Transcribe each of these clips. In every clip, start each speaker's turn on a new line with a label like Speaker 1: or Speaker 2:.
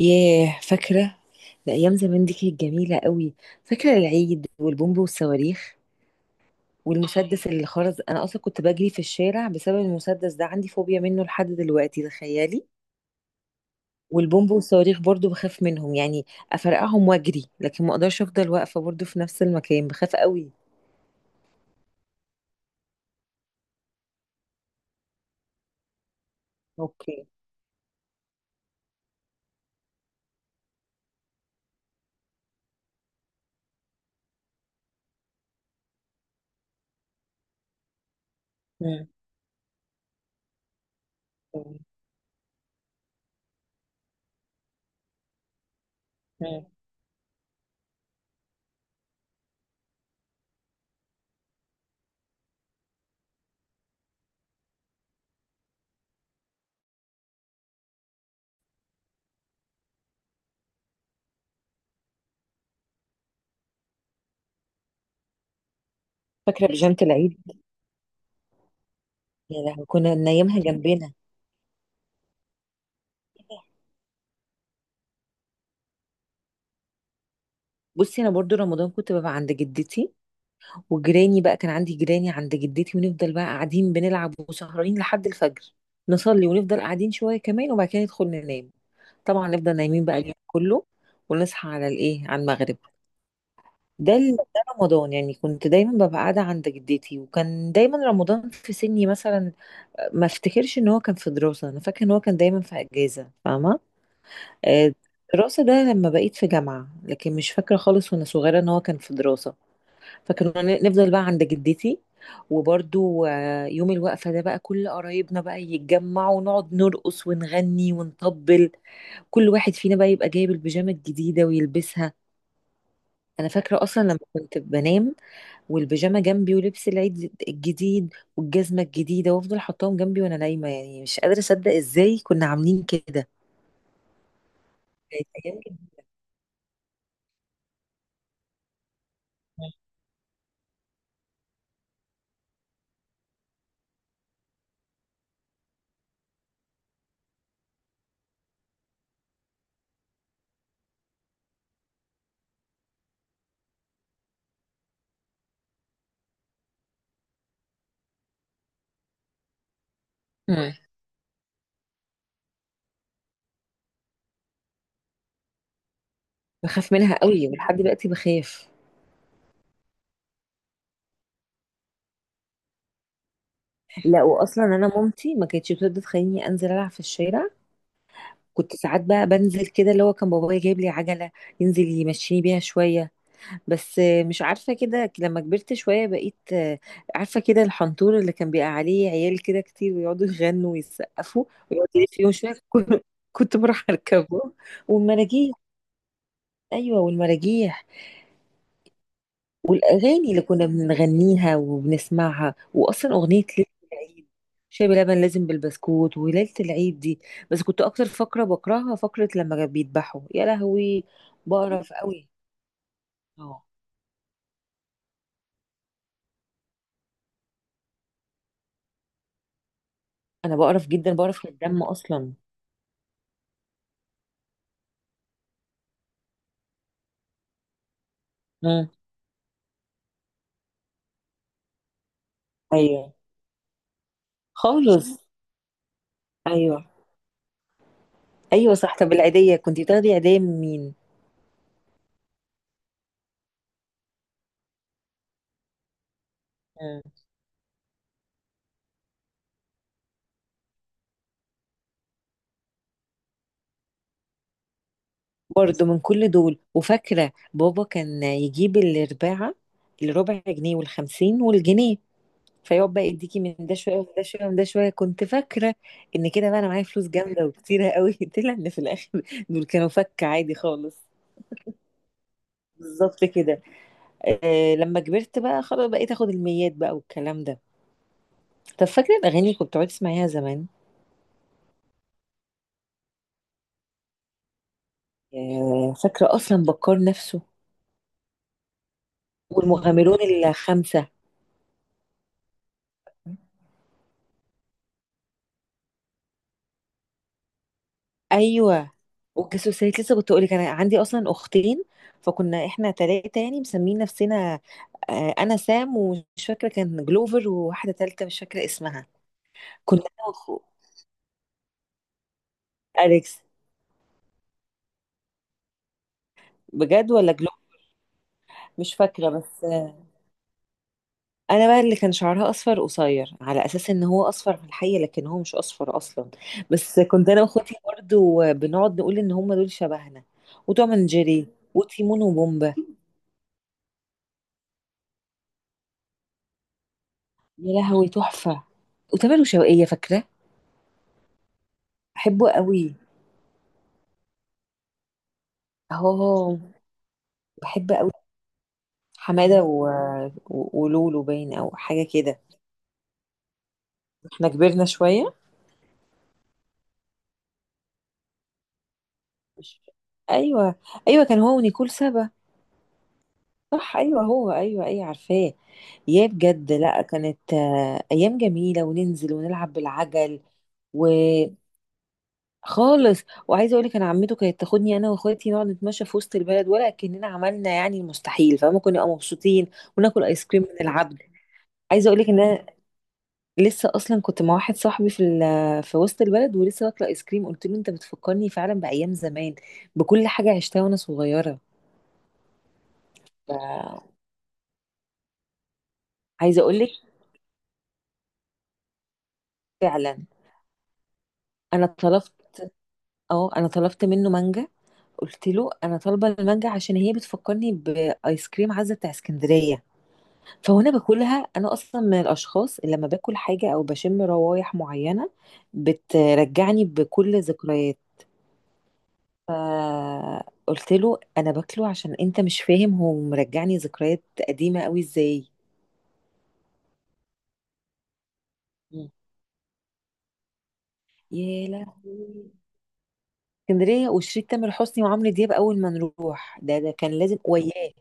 Speaker 1: ياه، فاكرة. ده أيام زمان دي كانت جميلة قوي. فاكرة العيد والبومب والصواريخ والمسدس اللي خرز. أنا أصلا كنت بجري في الشارع بسبب المسدس ده، عندي فوبيا منه لحد دلوقتي، تخيلي. والبومب والصواريخ برضو بخاف منهم، يعني أفرقعهم وأجري لكن ما أقدرش أفضل واقفة برضو في نفس المكان، بخاف قوي. اوكي. مم. مم. مم. فاكرة بيجامة العيد، يا لهوي كنا نايمها جنبنا. بصي، أنا برضو رمضان كنت ببقى عند جدتي، وجيراني بقى كان عندي جيراني عند جدتي، ونفضل بقى قاعدين بنلعب وسهرانين لحد الفجر، نصلي ونفضل قاعدين شوية كمان وبعد كده ندخل ننام. طبعا نفضل نايمين بقى اليوم كله، ونصحى على الايه، على المغرب. ده رمضان، يعني كنت دايما ببقى قاعدة عند جدتي، وكان دايما رمضان في سني مثلا ما افتكرش ان هو كان في دراسة، انا فاكرة ان هو كان دايما في اجازة، فاهمة. آه، الدراسة ده لما بقيت في جامعة، لكن مش فاكرة خالص وانا صغيرة ان هو كان في دراسة. فكنا نفضل بقى عند جدتي. وبرضو يوم الوقفة ده بقى كل قرايبنا بقى يتجمعوا ونقعد نرقص ونغني ونطبل، كل واحد فينا بقى يبقى جايب البيجامة الجديدة ويلبسها. أنا فاكرة أصلا لما كنت بنام والبيجامة جنبي ولبس العيد الجديد والجزمة الجديدة، وأفضل حطاهم جنبي وأنا نايمة، يعني مش قادرة أصدق إزاي كنا عاملين كده. كانت أيام جميلة. مم. بخاف منها قوي ولحد دلوقتي بخاف. لا، واصلا انا مامتي ما كانتش بتقدر تخليني انزل العب في الشارع. كنت ساعات بقى بنزل كده، اللي هو كان بابايا جايب لي عجلة ينزل يمشيني بيها شوية. بس مش عارفة كده لما كبرت شوية بقيت عارفة كده الحنطور اللي كان بيبقى عليه عيال كده كتير ويقعدوا يغنوا ويسقفوا، ويقعد يلف يوم شوية. كنت بروح أركبه. والمراجيح. أيوة، والمراجيح. اغاني اللي كنا بنغنيها وبنسمعها، واصلا اغنيه ليله العيد، شاي بلبن لازم بالبسكوت وليله العيد دي. بس كنت اكتر فقره بكرهها، فقره لما كانوا بيذبحوا، يا لهوي، بقرف قوي. اه، انا بقرف جدا، بقرف من الدم اصلا. مم. ايوه. خالص. ايوه. ايوه صح، طب العيديه كنت بتاخدي عيديه من مين؟ مم. برضه من كل دول، وفاكره بابا كان يجيب الارباعه، الربع جنيه والخمسين والجنيه، فيقعد بقى يديكي من ده شويه ومن ده شويه ومن ده شويه. كنت فاكره ان كده بقى انا معايا فلوس جامده وكتيره قوي. طلع ان في الاخر دول كانوا فك عادي خالص. بالظبط كده. آه، لما كبرت بقى خلاص بقيت اخد الميات بقى والكلام ده. طب فاكره الاغاني اللي كنت بتقعد تسمعيها زمان؟ آه، فاكره اصلا بكار نفسه. والمغامرون الخمسه. ايوه، والجاسوسات. لسه كنت اقولك، انا عندي اصلا اختين فكنا احنا تلاتة، يعني مسمين نفسنا انا سام، ومش فاكره كان جلوفر، وواحده تالتة مش فاكره اسمها. كنا انا واخو. اليكس. بجد؟ ولا جلوفر. مش فاكره، بس انا بقى اللي كان شعرها اصفر قصير، على اساس ان هو اصفر في الحقيقه، لكن هو مش اصفر اصلا. بس كنت انا واخوتي برضو بنقعد نقول ان هم دول شبهنا. وتوم اند جيري وتيمون وبومبا. يا لهوي، تحفه. وتامر وشوقية، فاكرة. بحبه قوي. اه، بحب قوي. حماده ولولو، باين او حاجه كده. احنا كبرنا شويه. مش- ايوه. ايوه، كان هو ونيكول سابا. صح. ايوه هو، ايوه ايوه عارفاه. يا بجد لا، كانت ايام جميله. وننزل ونلعب بالعجل. وخالص. وعايزه اقول لك، انا عمته كانت تاخدني انا واخواتي نقعد نتمشى في وسط البلد، ولا كاننا عملنا يعني المستحيل، فما كنا نبقى مبسوطين. وناكل ايس كريم من العبد. عايزه اقول لك ان أنا لسه اصلا كنت مع واحد صاحبي في في وسط البلد، ولسه واكله ايس كريم، قلت له انت بتفكرني فعلا بايام زمان، بكل حاجه عشتها وانا صغيره. ف- عايزه اقول لك فعلا، انا طلبت، اه انا طلبت منه مانجا. قلت له انا طالبه المانجا عشان هي بتفكرني بايس كريم عزه بتاع اسكندريه. فهنا باكلها، انا اصلا من الاشخاص اللي لما باكل حاجه او بشم روايح معينه بترجعني بكل ذكريات. فقلت له انا باكله عشان انت مش فاهم هو مرجعني ذكريات قديمه قوي ازاي. مم. يا لهوي، اسكندريه وشريط تامر حسني وعمرو دياب، اول ما نروح ده كان لازم وياه.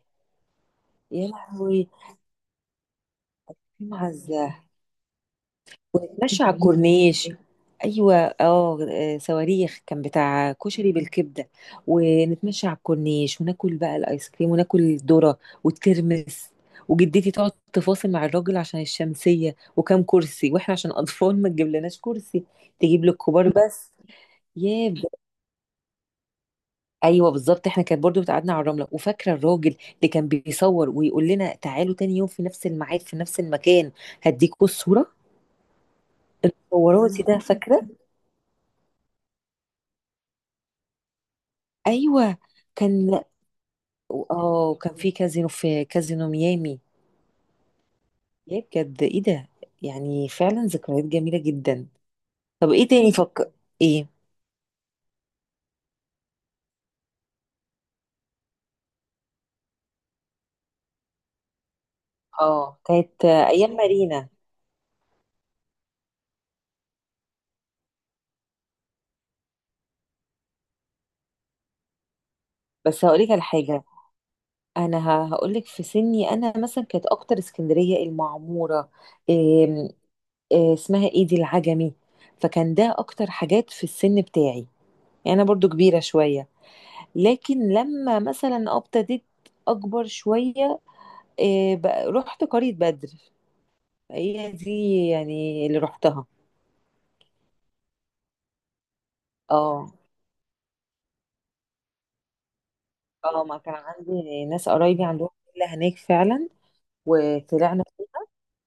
Speaker 1: يا لهوي. في معزه. ونتمشى على الكورنيش. ايوه اه، صواريخ، كان بتاع كشري بالكبده. ونتمشى على الكورنيش وناكل بقى الايس كريم وناكل الذره والترمس. وجدتي تقعد تفاصل مع الراجل عشان الشمسيه وكام كرسي، واحنا عشان اطفال ما تجيب لناش كرسي، تجيب للكبار بس. يا ب- ايوه بالظبط، احنا كانت برضو بتقعدنا على الرمله. وفاكره الراجل اللي كان بيصور ويقول لنا تعالوا تاني يوم في نفس الميعاد في نفس المكان هديكوا الصوره، صوراتي ده، فاكره. ايوه كان، اه كان في كازينو، في كازينو ميامي. يا بجد ايه ده، يعني فعلا ذكريات جميله جدا. طب ايه تاني فك؟ ايه؟ اه، كانت ايام مارينا. بس هقولك على حاجه، انا هقولك في سني انا مثلا، كانت اكتر اسكندريه، المعموره، إيه، إيه اسمها، ايه دي، العجمي. فكان ده اكتر حاجات في السن بتاعي، يعني انا برضو كبيره شويه. لكن لما مثلا ابتديت اكبر شويه، إيه بقى، رحت قرية بدر، هي دي يعني اللي رحتها. اه. اه، ما كان عندي ناس قرايبي عندهم فيلا هناك، فعلا وطلعنا فيه.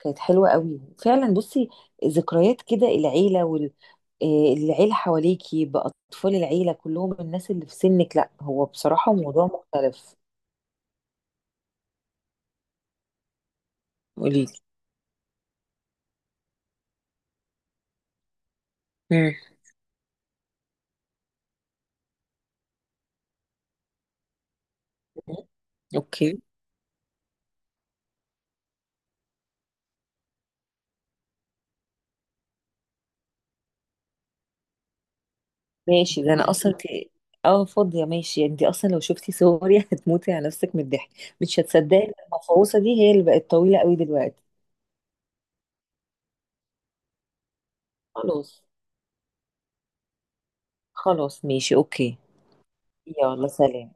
Speaker 1: كانت حلوة قوي فعلا. بصي، ذكريات كده العيلة، والعيلة حواليكي بأطفال العيلة كلهم، الناس اللي في سنك، لا هو بصراحة موضوع مختلف. قوليلي. امم. اوكي ماشي، ده انا اصلا ممكن اه فاضية، ماشي. انت اصلا لو شفتي صوري هتموتي على نفسك من الضحك. مش هتصدقي إن المفعوصة دي هي اللي بقت طويلة قوي دلوقتي. خلاص. خلاص ماشي اوكي. يلا سلام.